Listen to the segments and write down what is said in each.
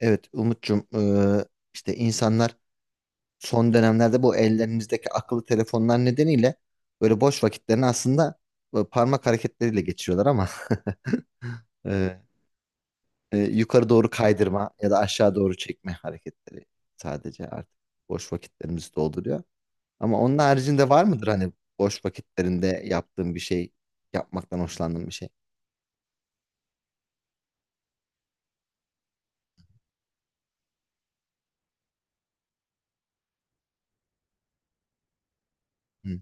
Evet Umut'cum işte insanlar son dönemlerde bu ellerimizdeki akıllı telefonlar nedeniyle böyle boş vakitlerini aslında böyle parmak hareketleriyle geçiriyorlar ama eee, yukarı doğru kaydırma ya da aşağı doğru çekme hareketleri sadece artık boş vakitlerimizi dolduruyor. Ama onun haricinde var mıdır hani boş vakitlerinde yaptığın bir şey, yapmaktan hoşlandığın bir şey? Hı.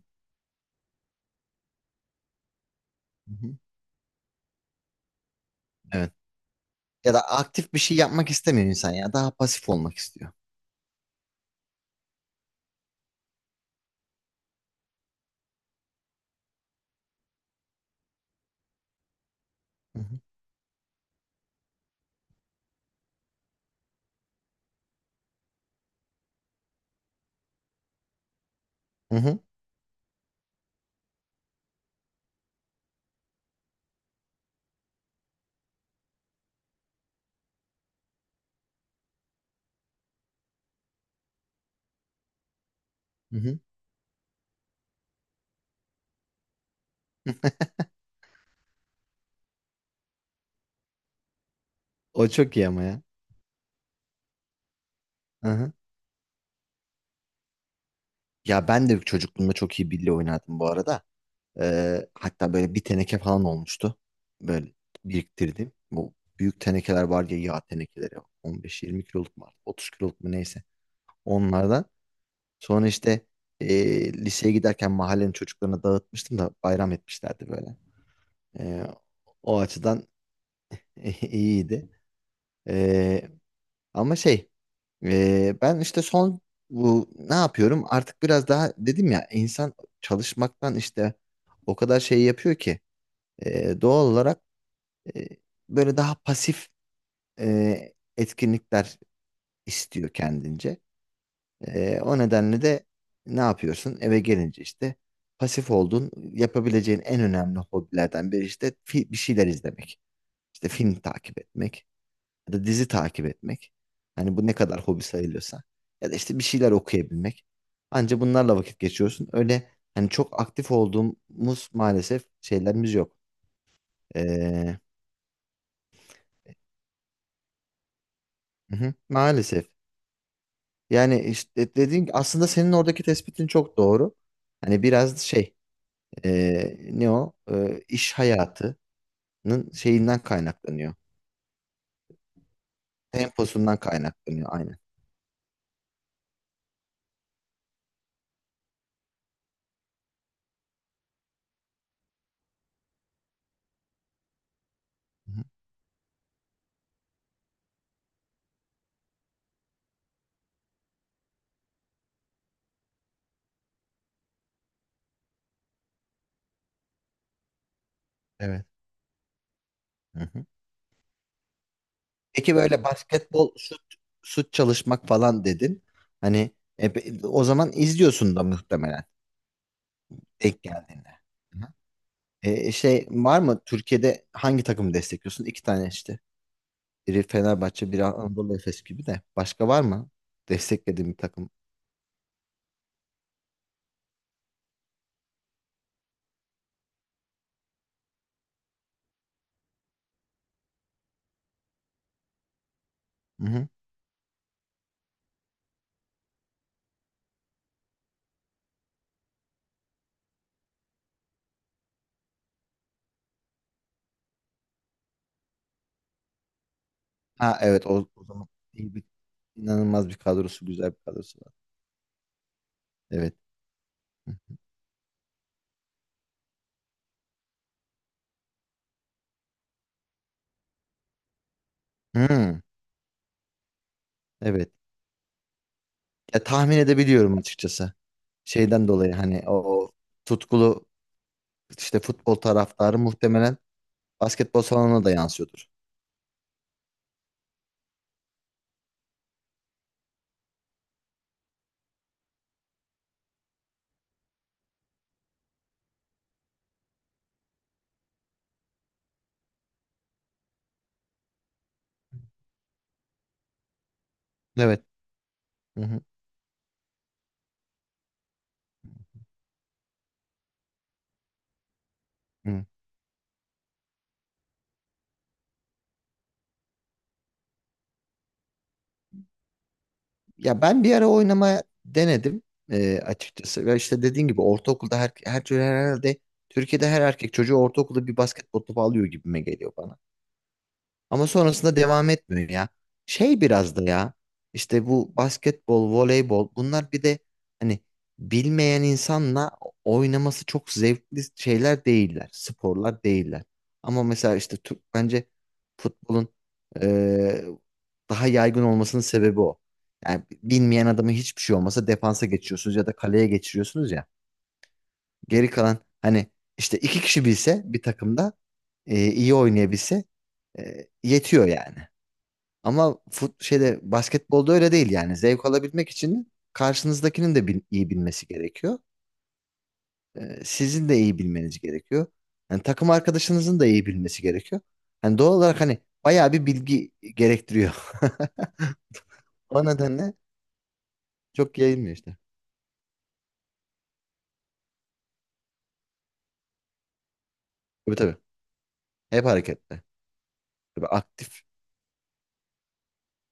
Hı hı. Evet. Ya da aktif bir şey yapmak istemiyor insan ya daha pasif olmak istiyor. Hı hı. Hı hı. Hı hı. O çok iyi ama ya. Aha. Ya ben de çocukluğumda çok iyi bilye oynardım bu arada. Hatta böyle bir teneke falan olmuştu. Böyle biriktirdim. Bu büyük tenekeler var ya yağ tenekeleri. 15-20 kiloluk mu artık, 30 kiloluk mu neyse. Onlardan. Sonra işte liseye giderken mahallenin çocuklarına dağıtmıştım da bayram etmişlerdi böyle. Ee, o açıdan iyiydi. Ee, ama şey, ben işte son bu ne yapıyorum? Artık biraz daha dedim ya insan çalışmaktan işte o kadar şey yapıyor ki doğal olarak e, böyle daha pasif etkinlikler istiyor kendince. O nedenle de ne yapıyorsun? Eve gelince işte pasif olduğun yapabileceğin en önemli hobilerden biri işte bir şeyler izlemek. İşte film takip etmek ya da dizi takip etmek. Hani bu ne kadar hobi sayılıyorsa. Ya da işte bir şeyler okuyabilmek. Anca bunlarla vakit geçiyorsun. Öyle hani çok aktif olduğumuz maalesef şeylerimiz yok. Ee, hı hı, maalesef. Yani işte dediğin aslında senin oradaki tespitin çok doğru. Hani biraz şey ne o iş hayatının şeyinden kaynaklanıyor. Temposundan kaynaklanıyor aynen. Hı hı. Evet. Hı hı. Peki böyle basketbol şut çalışmak falan dedin. Hani o zaman izliyorsun da muhtemelen denk geldiğinde. Hı hı. Şey var mı Türkiye'de hangi takımı destekliyorsun? İki tane işte. Biri Fenerbahçe, biri Anadolu Efes gibi de. Başka var mı? Desteklediğin bir takım. Hı hı. Ha evet o zaman iyi bir İnanılmaz bir kadrosu, güzel bir kadrosu var. Evet. Hmm, evet. Ya tahmin edebiliyorum açıkçası. Şeyden dolayı hani o tutkulu işte futbol taraftarı muhtemelen basketbol salonuna da yansıyordur. Evet. Hı hı. Hı. Ya ben bir ara oynamaya denedim açıkçası. Ve işte dediğin gibi ortaokulda herhalde Türkiye'de her erkek çocuğu ortaokulda bir basketbol topu alıyor gibime geliyor bana. Ama sonrasında devam etmiyor ya. Şey biraz da ya işte bu basketbol, voleybol bunlar bir de hani bilmeyen insanla oynaması çok zevkli şeyler değiller. Sporlar değiller. Ama mesela işte Türk bence futbolun eee, daha yaygın olmasının sebebi o. Yani bilmeyen adamı hiçbir şey olmasa defansa geçiyorsunuz ya da kaleye geçiriyorsunuz ya. Geri kalan hani işte iki kişi bilse bir takımda iyi oynayabilse yetiyor yani. Ama fut, şeyde basketbolda öyle değil yani. Zevk alabilmek için karşınızdakinin de iyi bilmesi gerekiyor. Sizin de iyi bilmeniz gerekiyor. Yani takım arkadaşınızın da iyi bilmesi gerekiyor. Yani doğal olarak hani bayağı bir bilgi gerektiriyor. O nedenle çok yayılmıyor işte. Tabii tabii. Hep hareketli. Tabii aktif.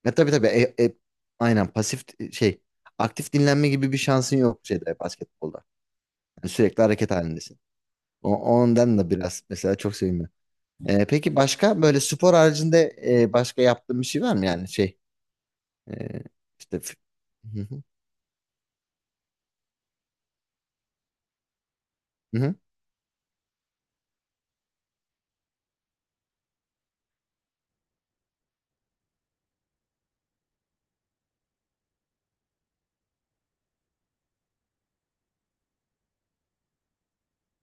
Ya tabii tabii. Aynen pasif şey. Aktif dinlenme gibi bir şansın yok şeyde basketbolda. Yani sürekli hareket halindesin. Ondan da biraz mesela çok sevinmiyorum. Peki başka böyle spor haricinde başka yaptığın bir şey var mı yani şey e, işte f- Hı hı, hı hı,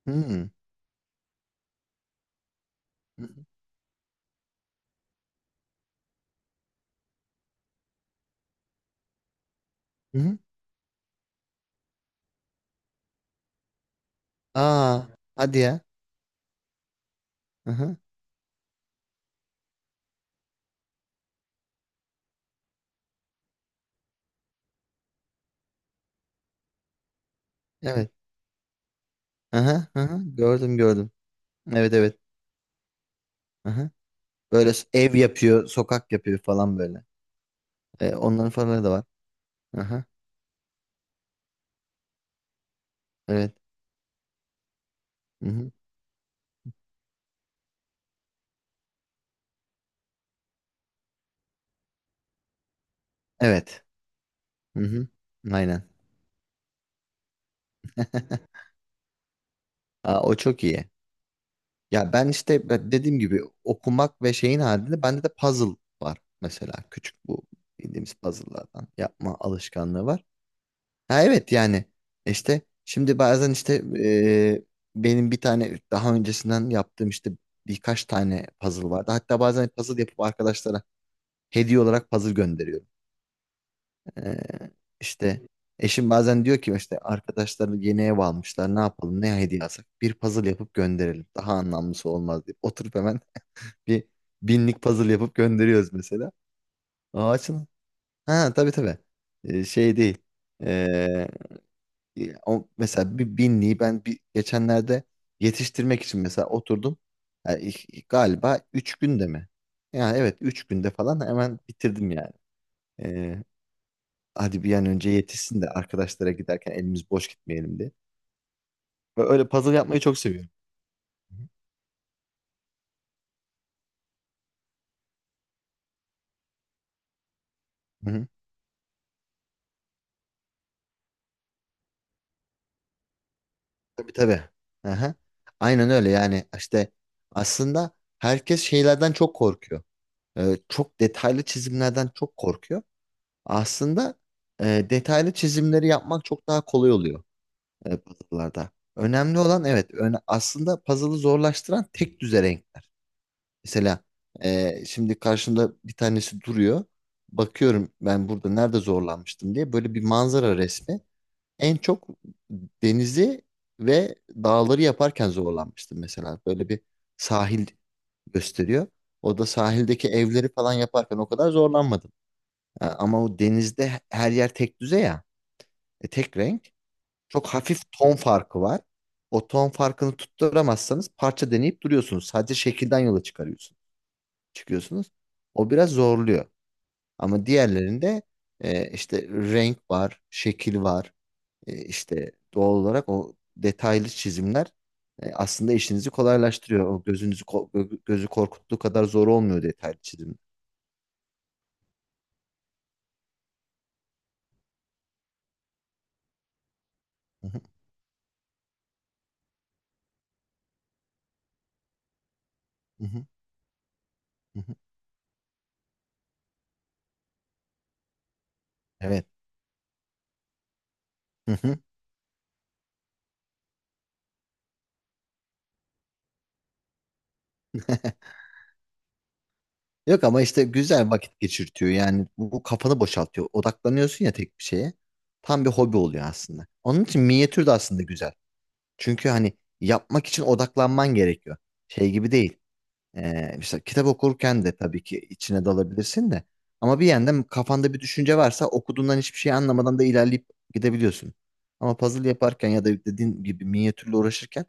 hı hı, hı. Aa hadi ya. Hı hı, evet. Hı hı, hı hı. Gördüm gördüm, evet evet. Hı hı. Böyle ev yapıyor sokak yapıyor falan böyle. Onların falan da var. Hı hı, evet. Hı hı, evet. Hı hı, aynen. Aa, o çok iyi. Ya ben işte ben dediğim gibi okumak ve şeyin halinde bende de puzzle var mesela. Küçük bu bildiğimiz puzzle'lardan yapma alışkanlığı var. Ha evet yani işte şimdi bazen işte e, benim bir tane daha öncesinden yaptığım işte birkaç tane puzzle vardı. Hatta bazen puzzle yapıp arkadaşlara hediye olarak puzzle gönderiyorum. E, işte eşim bazen diyor ki işte arkadaşları yeni ev almışlar ne yapalım ne hediye alsak bir puzzle yapıp gönderelim. Daha anlamlısı olmaz diye oturup hemen bir binlik puzzle yapıp gönderiyoruz mesela. Aa açın. Ha tabii tabii. Şey değil. Ee, mesela bir binliği ben bir, geçenlerde yetiştirmek için mesela oturdum. Yani galiba 3 günde mi? Yani evet 3 günde falan hemen bitirdim yani. Ee, hadi bir an önce yetişsin de arkadaşlara giderken elimiz boş gitmeyelim diye. Böyle puzzle yapmayı çok seviyorum. Hı hı. Tabii tabii. Aha. Aynen öyle yani işte aslında herkes şeylerden çok korkuyor. Çok detaylı çizimlerden çok korkuyor. Aslında detaylı çizimleri yapmak çok daha kolay oluyor puzzle'larda. Önemli olan evet aslında puzzle'ı zorlaştıran tek düze renkler. Mesela şimdi karşımda bir tanesi duruyor. Bakıyorum ben burada nerede zorlanmıştım diye böyle bir manzara resmi en çok denizi ve dağları yaparken zorlanmıştım mesela. Böyle bir sahil gösteriyor. O da sahildeki evleri falan yaparken o kadar zorlanmadım. Ha, ama o denizde her yer tek düze ya, tek renk. Çok hafif ton farkı var. O ton farkını tutturamazsanız parça deneyip duruyorsunuz. Sadece şekilden yola çıkarıyorsunuz. Çıkıyorsunuz. O biraz zorluyor. Ama diğerlerinde işte renk var, şekil var. İşte doğal olarak o detaylı çizimler aslında işinizi kolaylaştırıyor. O gözü korkuttuğu kadar zor olmuyor detaylı çizim. Hı hı, hı hı, hı hı. Evet. Hı hı. Yok ama işte güzel vakit geçirtiyor. Yani bu kafanı boşaltıyor. Odaklanıyorsun ya tek bir şeye. Tam bir hobi oluyor aslında. Onun için minyatür de aslında güzel. Çünkü hani yapmak için odaklanman gerekiyor. Şey gibi değil. İşte kitap okurken de tabii ki içine dalabilirsin de. Ama bir yandan kafanda bir düşünce varsa okuduğundan hiçbir şey anlamadan da ilerleyip gidebiliyorsun. Ama puzzle yaparken ya da dediğin gibi minyatürle uğraşırken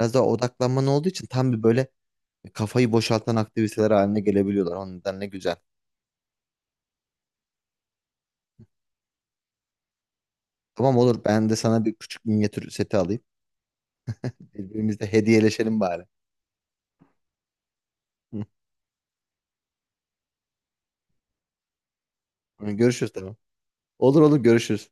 biraz daha odaklanman olduğu için tam bir böyle kafayı boşaltan aktiviteler haline gelebiliyorlar. O yüzden ne güzel. Tamam olur ben de sana bir küçük minyatür seti alayım. Birbirimizle hediyeleşelim bari. Görüşürüz tamam. Olur olur görüşürüz.